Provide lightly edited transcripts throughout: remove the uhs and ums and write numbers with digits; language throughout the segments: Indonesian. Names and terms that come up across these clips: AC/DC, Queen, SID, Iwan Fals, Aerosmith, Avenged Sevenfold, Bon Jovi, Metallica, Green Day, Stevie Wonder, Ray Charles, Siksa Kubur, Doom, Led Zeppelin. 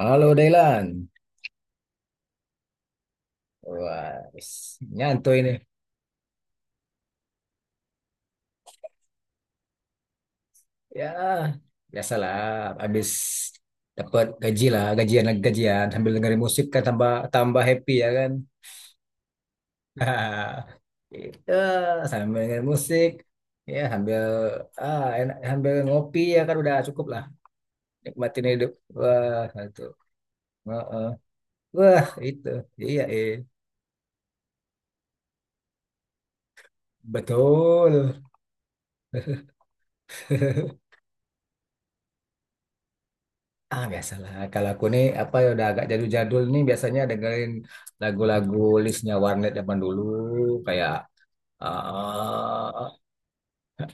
Halo Dailan. Wah, nyantui ini. Ya, biasalah. Habis dapat gaji lah, gajian lagi gajian. Sambil dengerin musik kan tambah tambah happy ya kan. Ya, sambil dengerin musik. Ya, sambil enak, sambil ngopi ya kan udah cukup lah. Nikmatin hidup. Wah, itu. Heeh. Wah, itu. Iya, betul. Ah, biasalah. Kalau aku nih apa ya udah agak jadul-jadul nih biasanya dengerin lagu-lagu listnya Warnet zaman dulu kayak eh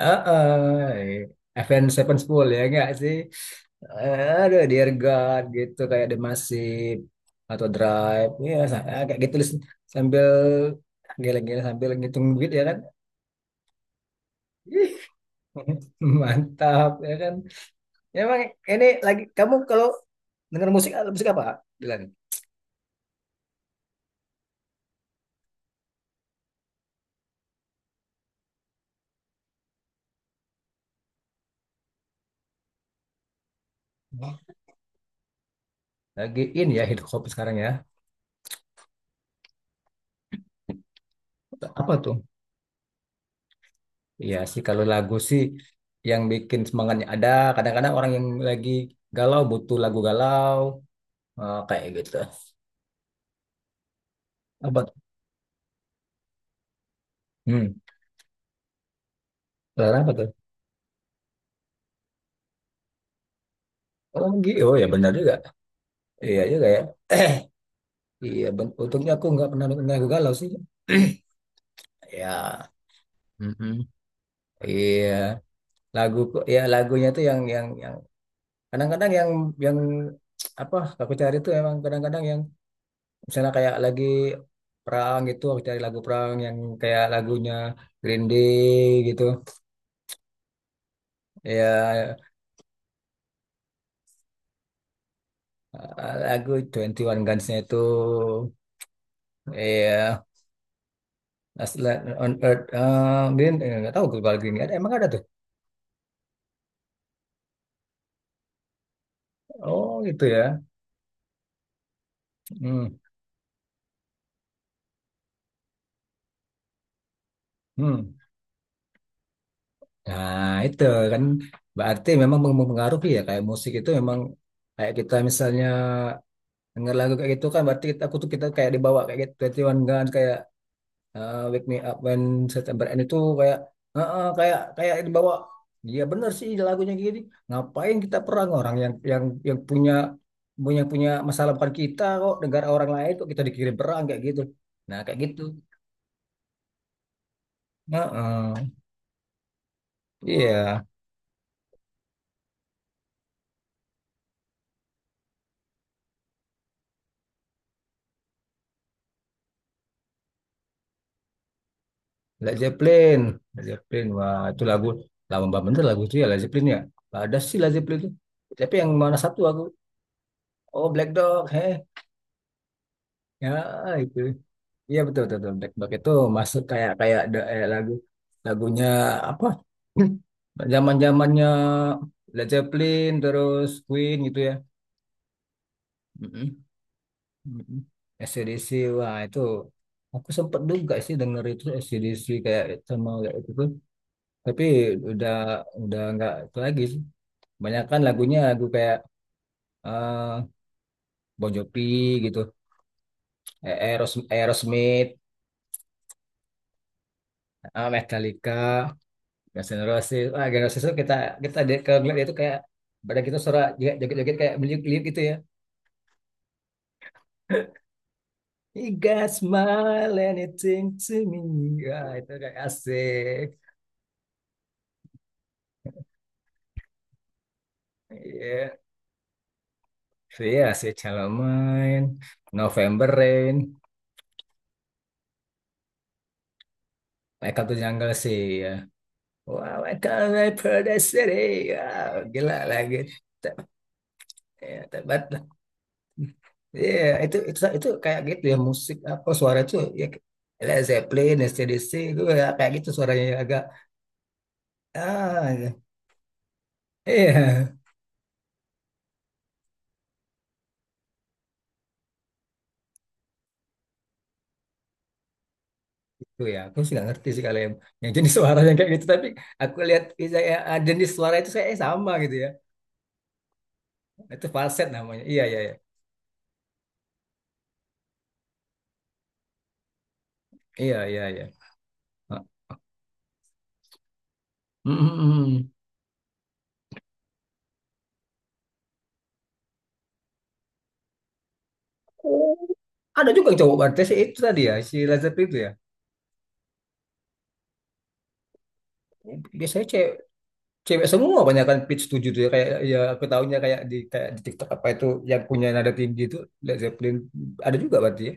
Avenged Sevenfold ya enggak sih? Eh, aduh, Dear God gitu kayak The Massive atau Drive ya kayak gitu list sambil geleng-geleng sambil ngitung duit ya kan. Ih, mantap ya kan. Emang ini lagi kamu kalau denger musik musik apa? Dilan? Lagi in ya hip hop sekarang ya. Apa tuh? Iya sih kalau lagu sih yang bikin semangatnya ada. Kadang-kadang orang yang lagi galau butuh lagu galau. Kayak gitu. Apa tuh? Hmm. Selera apa tuh? Oh, gitu. Oh ya benar juga. Iya juga ya. eh iya, untungnya aku nggak pernah dengar lagu galau sih. Ya. Mhm. Iya, lagu, ya lagunya tuh yang kadang-kadang yang apa, aku cari tuh emang kadang-kadang yang misalnya kayak lagi perang gitu, aku cari lagu perang yang kayak lagunya Green Day gitu, ya lagu 21 Guns-nya itu, ya Last Light on Earth. Green, nggak tahu kalau Green Day ada, emang ada tuh. Oh gitu ya. Hmm. Hmm. Nah itu kan berarti memang mempengaruhi ya, kayak musik itu memang kayak kita misalnya denger lagu kayak gitu kan berarti kita, aku tuh kita kayak dibawa kayak gitu, twenty One Guns kayak Wake Me Up When September End itu kayak heeh, kayak kayak dibawa. Dia bener sih lagunya gini, ngapain kita perang, orang yang yang punya punya punya masalah bukan kita kok, negara orang lain kok kita dikirim perang kayak gitu. Nah kayak gitu. Heeh. Iya. Led Zeppelin, Led Zeppelin, wah itu lagu lama bener lagu itu ya, Led Zeppelin ya. Ada sih Led Zeppelin itu, tapi yang mana satu aku. Oh, Black Dog, heh. Ya itu, iya betul, betul, betul. Black Block itu masuk kayak kayak lagu lagunya apa? Zaman-zamannya Led Zeppelin terus Queen gitu ya. Mm-mm. Mm-mm. AC/DC, wah itu aku sempet juga sih denger itu AC/DC kayak sama kayak itu tuh. Tapi udah udah nggak itu lagi sih. Kebanyakan lagunya lagu kayak eh Bon Jovi gitu, eh, Aerosmith, eh, Metallica. Gas generasi, wah, generasi itu kita, kita di, kalau ngeliat dia itu kayak badan kita suara juga joget-joget kayak meliuk-liuk gitu ya. You got smile anything to me. Wah, itu kayak asik. Iya. So, iya sih Shallow main, November Rain, Welcome to Jungle sih ya. Wow, welcome to Paradise City. Wow, gila lagi. Te- Ya, tebat lah. Iya, itu, itu kayak gitu ya, musik apa suara itu ya, Led Zeppelin, AC/DC itu ya kayak gitu suaranya ya, agak. Ah, ya. Iya. Tuh ya, aku sih nggak ngerti sih kalau yang jenis suara yang kayak gitu. Tapi aku lihat, saya jenis suara itu saya sama gitu ya. Itu falset namanya. Iya, iya, iya. Iya, iya, iya. Ah. Mm, mm, mm. Oh, ada juga yang cowok berarti sih itu tadi ya, si Lazar itu ya. Biasanya cewek, cewek semua banyak kan pitch 7 tuh ya. Kayak, ya aku tahunya kayak di TikTok apa itu yang punya nada tinggi itu Led Zeppelin ada juga berarti ya.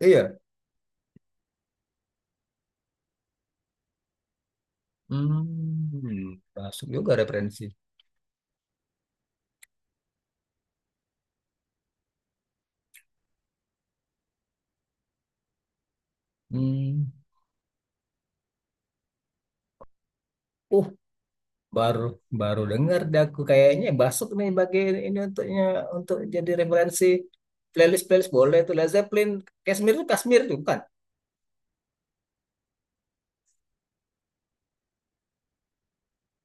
Iya. Hmm, masuk juga referensi. Hmm. Uh, baru baru dengar dah aku kayaknya Basuk nih, bagi ini untuknya untuk jadi referensi playlist, playlist boleh tuh Led Zeppelin. Kashmir tuh, Kashmir tuh kan.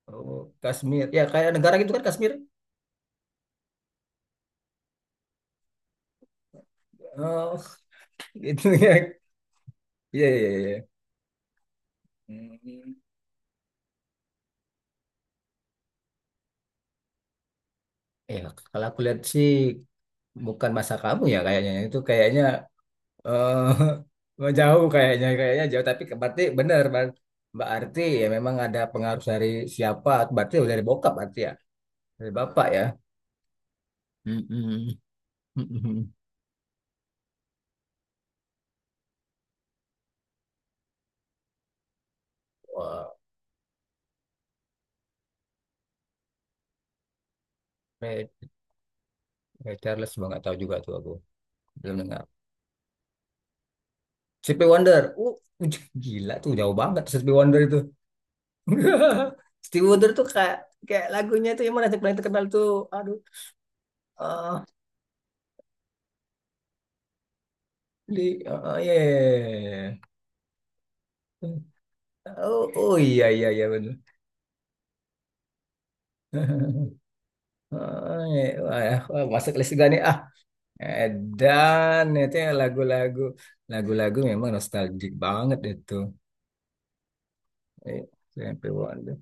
Oh, Kashmir ya, kayak negara gitu kan, Kashmir. Oh. Gitu ya. Iya iya iya. Hmm. Ya, kalau aku lihat sih bukan masa kamu ya kayaknya, itu kayaknya jauh kayaknya, kayaknya jauh, tapi berarti benar. Berarti ya memang ada pengaruh dari siapa, berarti dari bokap berarti ya. Dari bapak ya. Mm-mm. Mm-mm. Wah, Ray, Ray Charles bang, nggak tahu juga tuh aku. Belum dengar. Stevie Wonder. Gila tuh jauh banget Stevie Wonder itu. Stevie Wonder tuh kayak, kayak lagunya tuh yang mana yang paling terkenal tuh. Aduh, ah, di, ah, ya, ya, ya, ya. Oh, oh iya iya iya benar. Ah, iya. Wah, ya. Wah, masuk list juga nih ah. Dan itu ya lagu-lagu memang nostalgic banget itu. Eh, Stevie Wonder.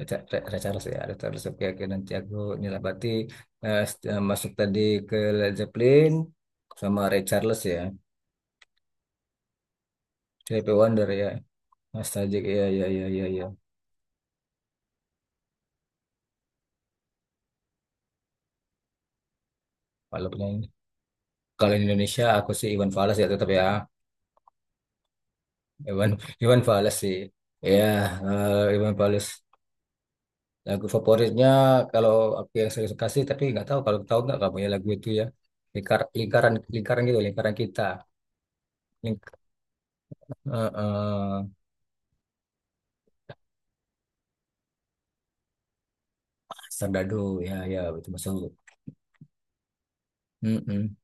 Richard- Richarlison ya, Richarlison. Oke, oke. Nanti aku nilai berarti, masuk tadi ke Led Zeppelin sama Richarlison ya. CP Wonder ya. Nostalgic, iya, iya, iya, iya, iya. Walaupun yang- Kalau di Indonesia aku sih Iwan Fals ya tetap ya. Iwan Iwan Fals sih. Ya, eh, Iwan Fals. Lagu favoritnya, kalau aku yang saya suka sih, tapi nggak tahu kalau tahu nggak kamu ya lagu itu ya. Lingkar, lingkaran, lingkaran gitu, lingkaran kita. Link, eh, eh, Serdadu ya ya itu masuk. Mm-mm.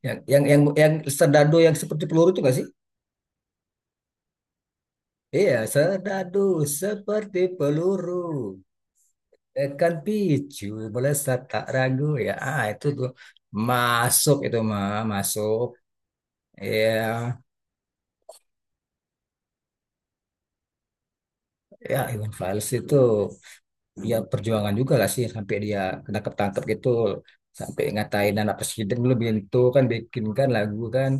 Yang, yang serdadu yang seperti peluru itu nggak sih? Iya, serdadu seperti peluru. Tekan picu, melesat tak ragu ya. Ah, itu tuh masuk, itu mah masuk. Iya, ya Iwan Fals itu ya perjuangan juga lah sih, sampai dia kena ketangkep gitu, sampai ngatain anak presiden dulu itu kan, bikinkan lagu kan.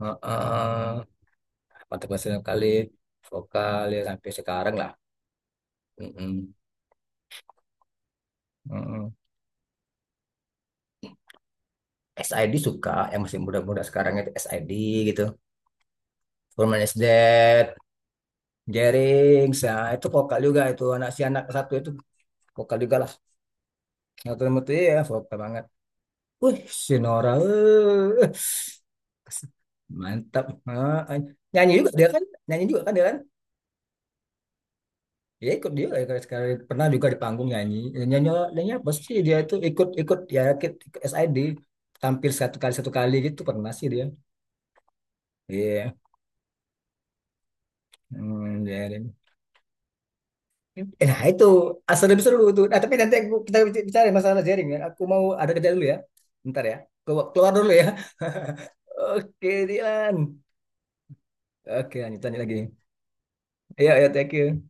Heeh. Kontroversial kali, vokal ya sampai sekarang lah. Mm-mm. Mm-mm. SID, suka yang masih muda-muda sekarang itu SID gitu. Furman is Dead. Jering ya itu vokal juga, itu anak si anak satu itu vokal juga lah, yang satu itu ya vokal banget. Wih, si Nora, eh. Mantap. Ah, ah. Nyanyi juga dia kan, nyanyi juga kan dia kan, dia ikut dia kayak sekali pernah juga di panggung nyanyi, nyanyi, nyanyi apa sih dia itu ikut, ikut SID, tampil satu kali gitu pernah sih dia. Iya. Hmm, Jering. Eh, nah itu asal lebih seru itu. Nah tapi nanti aku, kita bicara masalah jaring ya. Aku mau ada kerja dulu ya. Bentar ya. Keluar, keluar dulu ya. Oke Dilan. Oke lanjut lanjut lagi. Iya ya thank you.